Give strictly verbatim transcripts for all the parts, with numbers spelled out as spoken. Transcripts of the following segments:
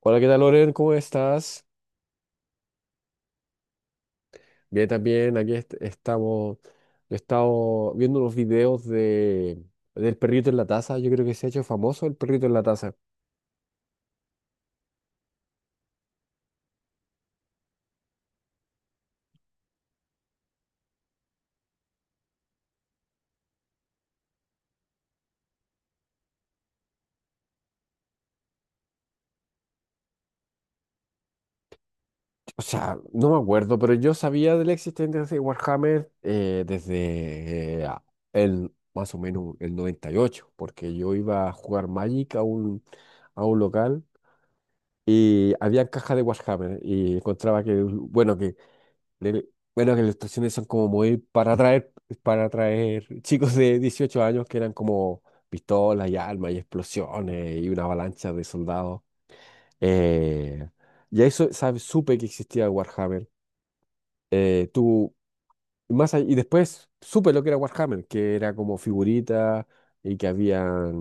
Hola, ¿qué tal, Loren? ¿Cómo estás? Bien, también. Aquí est- estamos. He estado viendo unos videos de, del perrito en la taza. Yo creo que se ha hecho famoso el perrito en la taza. O sea, no me acuerdo, pero yo sabía de la existencia de Warhammer eh, desde eh, a- el, más o menos el noventa y ocho, porque yo iba a jugar Magic a un, a un local y había caja de Warhammer y encontraba que, bueno, que del- bueno, que las ilustraciones son como muy para atraer, para atraer chicos de dieciocho años que eran como pistolas y armas y explosiones y una avalancha de soldados. Eh, y eso, ¿sabes? Supe que existía Warhammer. Eh, tú, más allá- y después supe lo que era Warhammer, que era como figuritas y que habían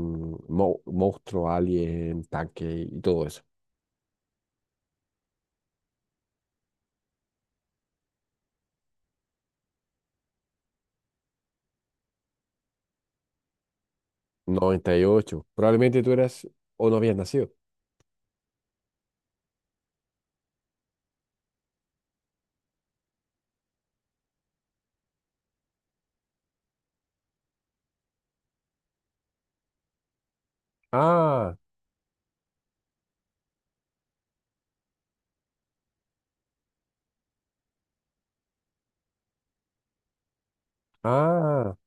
mo- monstruos, alien, tanques y todo eso. Noventa y ocho. Probablemente tú eras o no habías nacido. Ah, ah.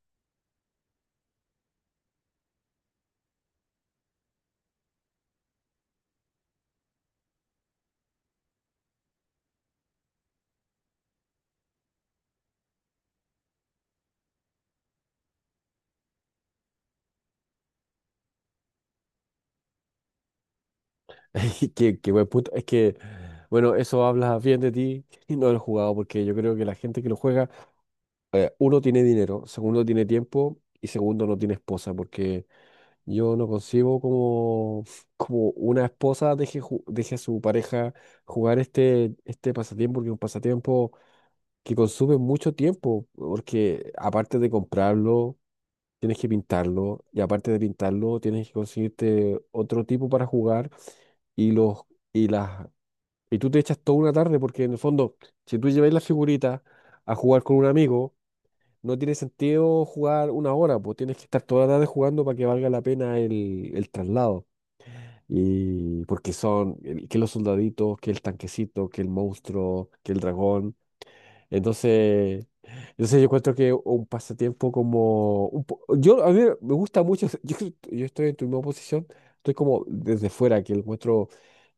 Qué, qué buen punto. Es que, bueno, eso habla bien de ti y no del jugado, porque yo creo que la gente que lo juega, eh, uno tiene dinero, segundo tiene tiempo y segundo no tiene esposa, porque yo no concibo como, como una esposa deje, ju- deje a su pareja jugar este, este pasatiempo, porque es un pasatiempo que consume mucho tiempo, porque aparte de comprarlo, tienes que pintarlo y aparte de pintarlo, tienes que conseguirte otro tipo para jugar y los... Y las y tú te echas toda una tarde porque en el fondo, si tú lleváis las figuritas a jugar con un amigo, no tiene sentido jugar una hora, pues tienes que estar toda la tarde jugando para que valga la pena el, el traslado. Y porque son el- que los soldaditos, que el tanquecito, que el monstruo, que el dragón. Entonces, entonces yo encuentro que un pasatiempo como... un po- yo, a mí me gusta mucho, yo, creo- yo estoy en tu misma posición, estoy como desde fuera, que encuentro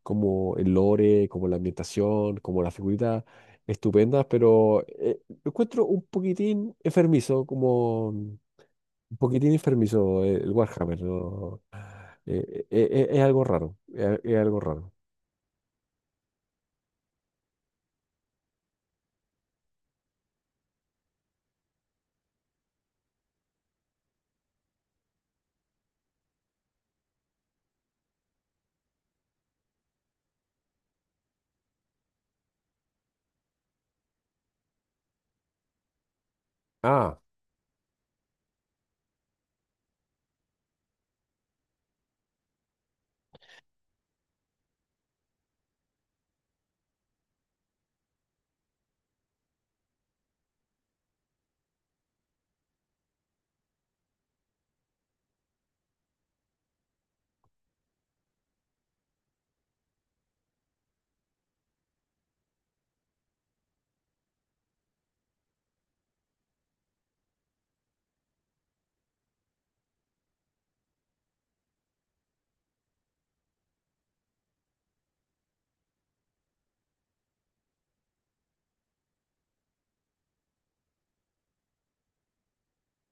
como el lore, como la ambientación, como las figuritas estupendas, pero eh, lo encuentro un poquitín enfermizo, como un poquitín enfermizo eh, el Warhammer, ¿no? Eh, eh, eh, es algo raro, es es algo raro. Ah,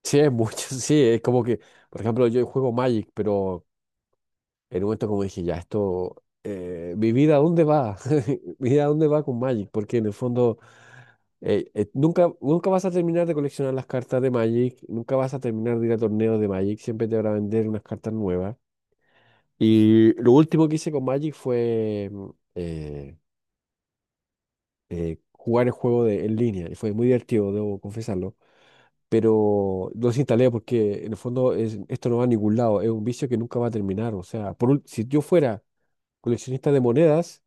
sí, es mucho, sí, es como que, por ejemplo, yo juego Magic, pero... En un momento como dije, ya, esto, eh, mi vida, ¿a dónde va? Mi vida, ¿a dónde va con Magic? Porque en el fondo, eh, eh, nunca, nunca vas a terminar de coleccionar las cartas de Magic, nunca vas a terminar de ir a torneos de Magic, siempre te van a vender unas cartas nuevas. Y lo último que hice con Magic fue mm, eh, eh, jugar el juego de, en línea, y fue muy divertido, debo confesarlo. Pero lo desinstalé porque en el fondo es- esto no va a ningún lado, es un vicio que nunca va a terminar. O sea, por, ul- si yo fuera coleccionista de monedas,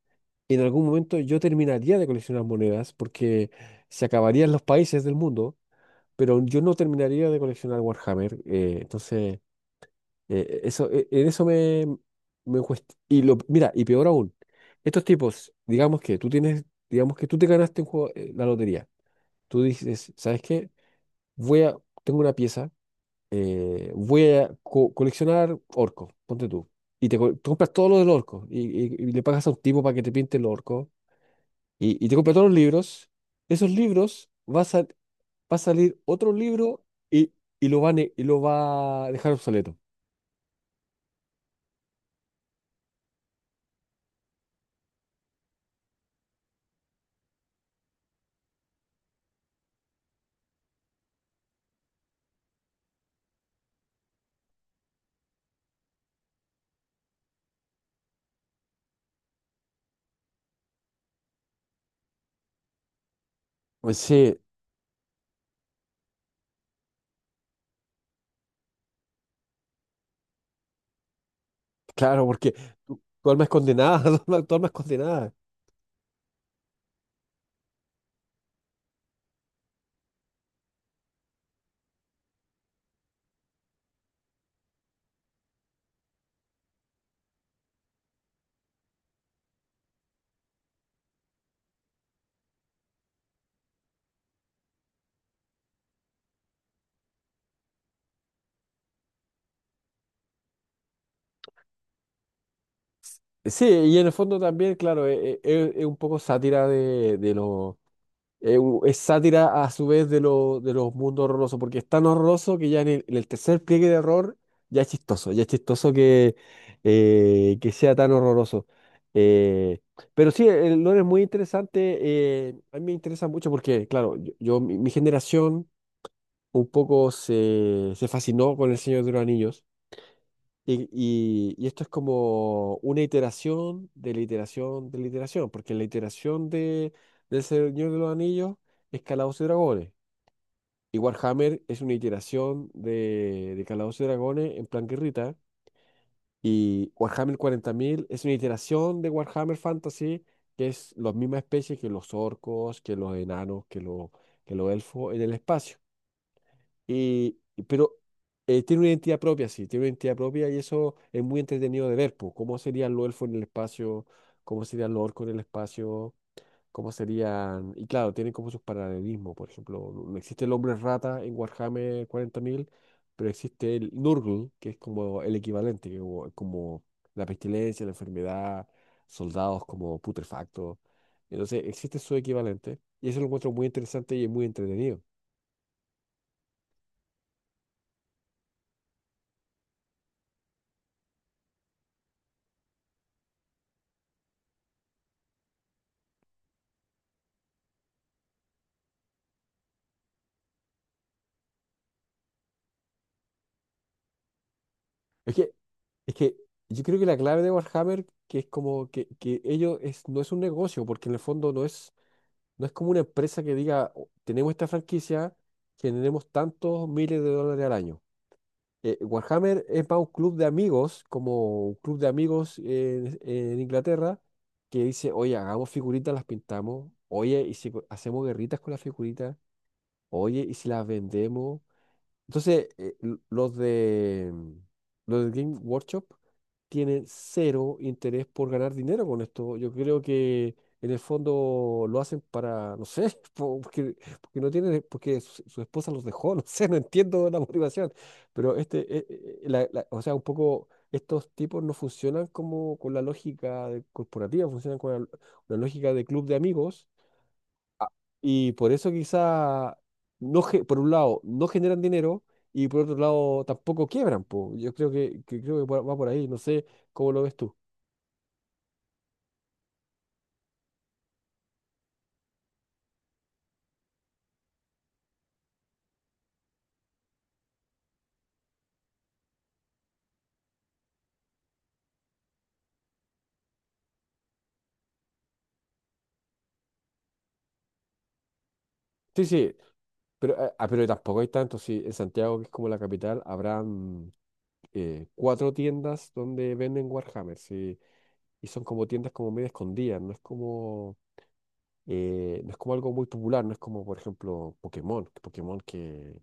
en algún momento yo terminaría de coleccionar monedas porque se acabarían los países del mundo, pero yo no terminaría de coleccionar Warhammer. Eh, entonces, eh, eso, e- en eso me, me cuesta. Y lo, mira, y peor aún, estos tipos, digamos que tú tienes, digamos que tú te ganaste un juego, eh, la lotería. Tú dices, ¿sabes qué? Voy a, tengo una pieza, eh, voy a co- coleccionar orcos, ponte tú. Y te, co- compras todo lo del orco y, y- y le pagas a un tipo para que te pinte el orco y, y te compras todos los libros, esos libros va a, sal- va a salir otro libro y, y lo va a, ne- y lo va a dejar obsoleto. Pues sí, claro, porque tu, tu alma es condenada, tu alma, tu alma es condenada. Sí, y en el fondo también, claro, e- e- e- es, un poco sátira de, de, lo- eh, u- es sátira a su vez de, lo, de los mundos horrorosos, porque es tan horroroso que ya en el, en el tercer pliegue de horror ya es chistoso, ya es chistoso que, eh, que sea tan horroroso. Eh, pero sí, el lore es muy interesante, eh, a mí me interesa mucho porque, claro, yo, yo- mi, mi generación un poco se, se fascinó con El Señor de los Anillos. Y, y- y esto es como una iteración de la iteración de la iteración, porque la iteración de, del Señor de los Anillos es Calabozos y Dragones. Y Warhammer es una iteración de, de Calabozos y Dragones en plan guerrita. Y Warhammer cuarenta mil es una iteración de Warhammer Fantasy, que es la misma especie que los orcos, que los enanos, que, los que los elfos en el espacio. Y, y- pero eh, tiene una identidad propia, sí, tiene una identidad propia y eso es muy entretenido de ver, pues, cómo serían los elfos en el espacio, cómo serían los orcos en el espacio, cómo serían... Y claro, tienen como sus paralelismos, por ejemplo, no no existe el hombre rata en Warhammer cuarenta mil, pero existe el Nurgle, que es como el equivalente, que como, como la pestilencia, la enfermedad, soldados como putrefactos. Entonces, existe su equivalente y eso lo encuentro muy interesante y es muy entretenido. es que Es que yo creo que la clave de Warhammer, que es como que, que ello es, no es un negocio, porque en el fondo no es, no es como una empresa que diga, "Oh, tenemos esta franquicia, generemos tantos miles de dólares al año". Eh, Warhammer es más un club de amigos, como un club de amigos en, en Inglaterra, que dice, oye, hagamos figuritas, las pintamos, oye, y si hacemos guerritas con las figuritas, oye, y si las vendemos. Entonces, eh, l- los de mm, los de Game Workshop tienen cero interés por ganar dinero con esto. Yo creo que en el fondo lo hacen para, no sé, po- porque, porque no tienen, porque su, su esposa los dejó, no sé, no entiendo la motivación. Pero este, eh, eh, eh, la- la- o sea, un poco estos tipos no funcionan como con la lógica de- corporativa, funcionan con la, la lógica de club de amigos y por eso quizá, no, ge- por un lado, no generan dinero y por otro lado tampoco quiebran, po. Yo creo que, que creo que por- va por ahí, no sé cómo lo ves tú. Sí, sí, pero, ah, ah, pero tampoco hay tanto. Sí, en Santiago, que es como la capital, habrán eh, cuatro tiendas donde venden Warhammer, sí, y son como tiendas como medio escondidas, no es como, eh, no es como algo muy popular, no es como, por ejemplo, Pokémon, que Pokémon que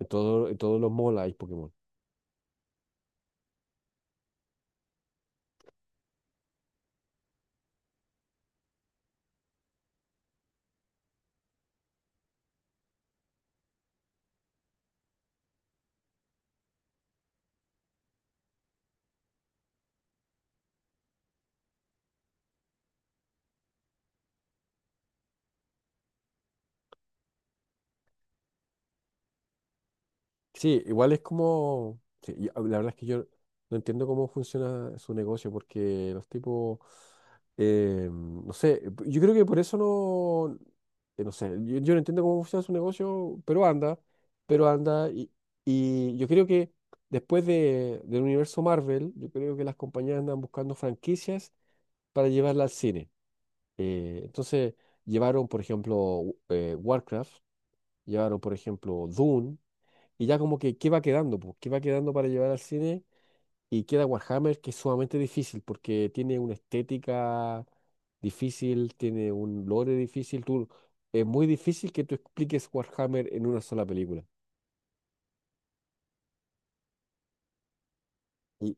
en, todo, en todos los malls hay Pokémon. Sí, igual es como, sí, y- ah, la verdad es que yo no entiendo cómo funciona su negocio, porque los tipos, eh, no sé, yo creo que por eso no, eh, no sé, yo, yo no entiendo cómo funciona su negocio, pero anda, pero anda, y, y yo creo que después de, del universo Marvel, yo creo que las compañías andan buscando franquicias para llevarla al cine. Eh, entonces, llevaron, por ejemplo, eh, Warcraft, llevaron, por ejemplo, Dune, y ya como que, ¿qué va quedando? Pues? ¿Qué va quedando para llevar al cine? Y queda Warhammer, que es sumamente difícil, porque tiene una estética difícil, tiene un lore difícil. Tú, es muy difícil que tú expliques Warhammer en una sola película. Y,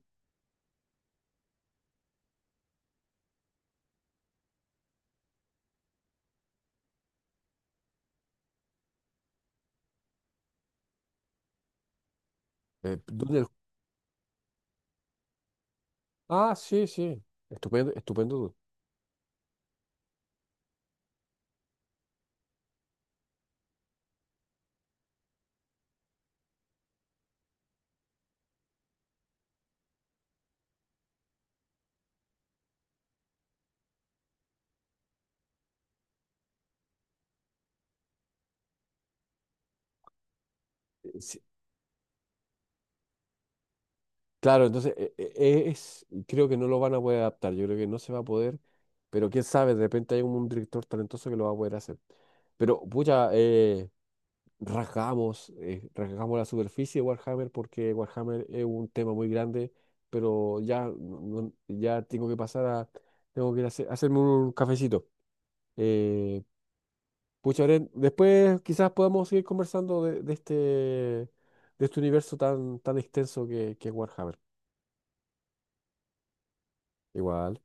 eh, ¿dónde- Ah, sí, sí. Estupendo, estupendo. Eh, sí, claro, entonces eh, eh, es, creo que no lo van a poder adaptar, yo creo que no se va a poder, pero quién sabe, de repente hay un, un director talentoso que lo va a poder hacer. Pero, pucha, eh, rasgamos, eh, rasgamos la superficie de Warhammer porque Warhammer es un tema muy grande, pero ya, no- no- ya tengo que pasar a, tengo que ir a hacer- hacerme un cafecito. Eh, pucha, Oren, después quizás podamos seguir conversando de, de este, de este universo tan, tan extenso que, que es Warhammer. Igual.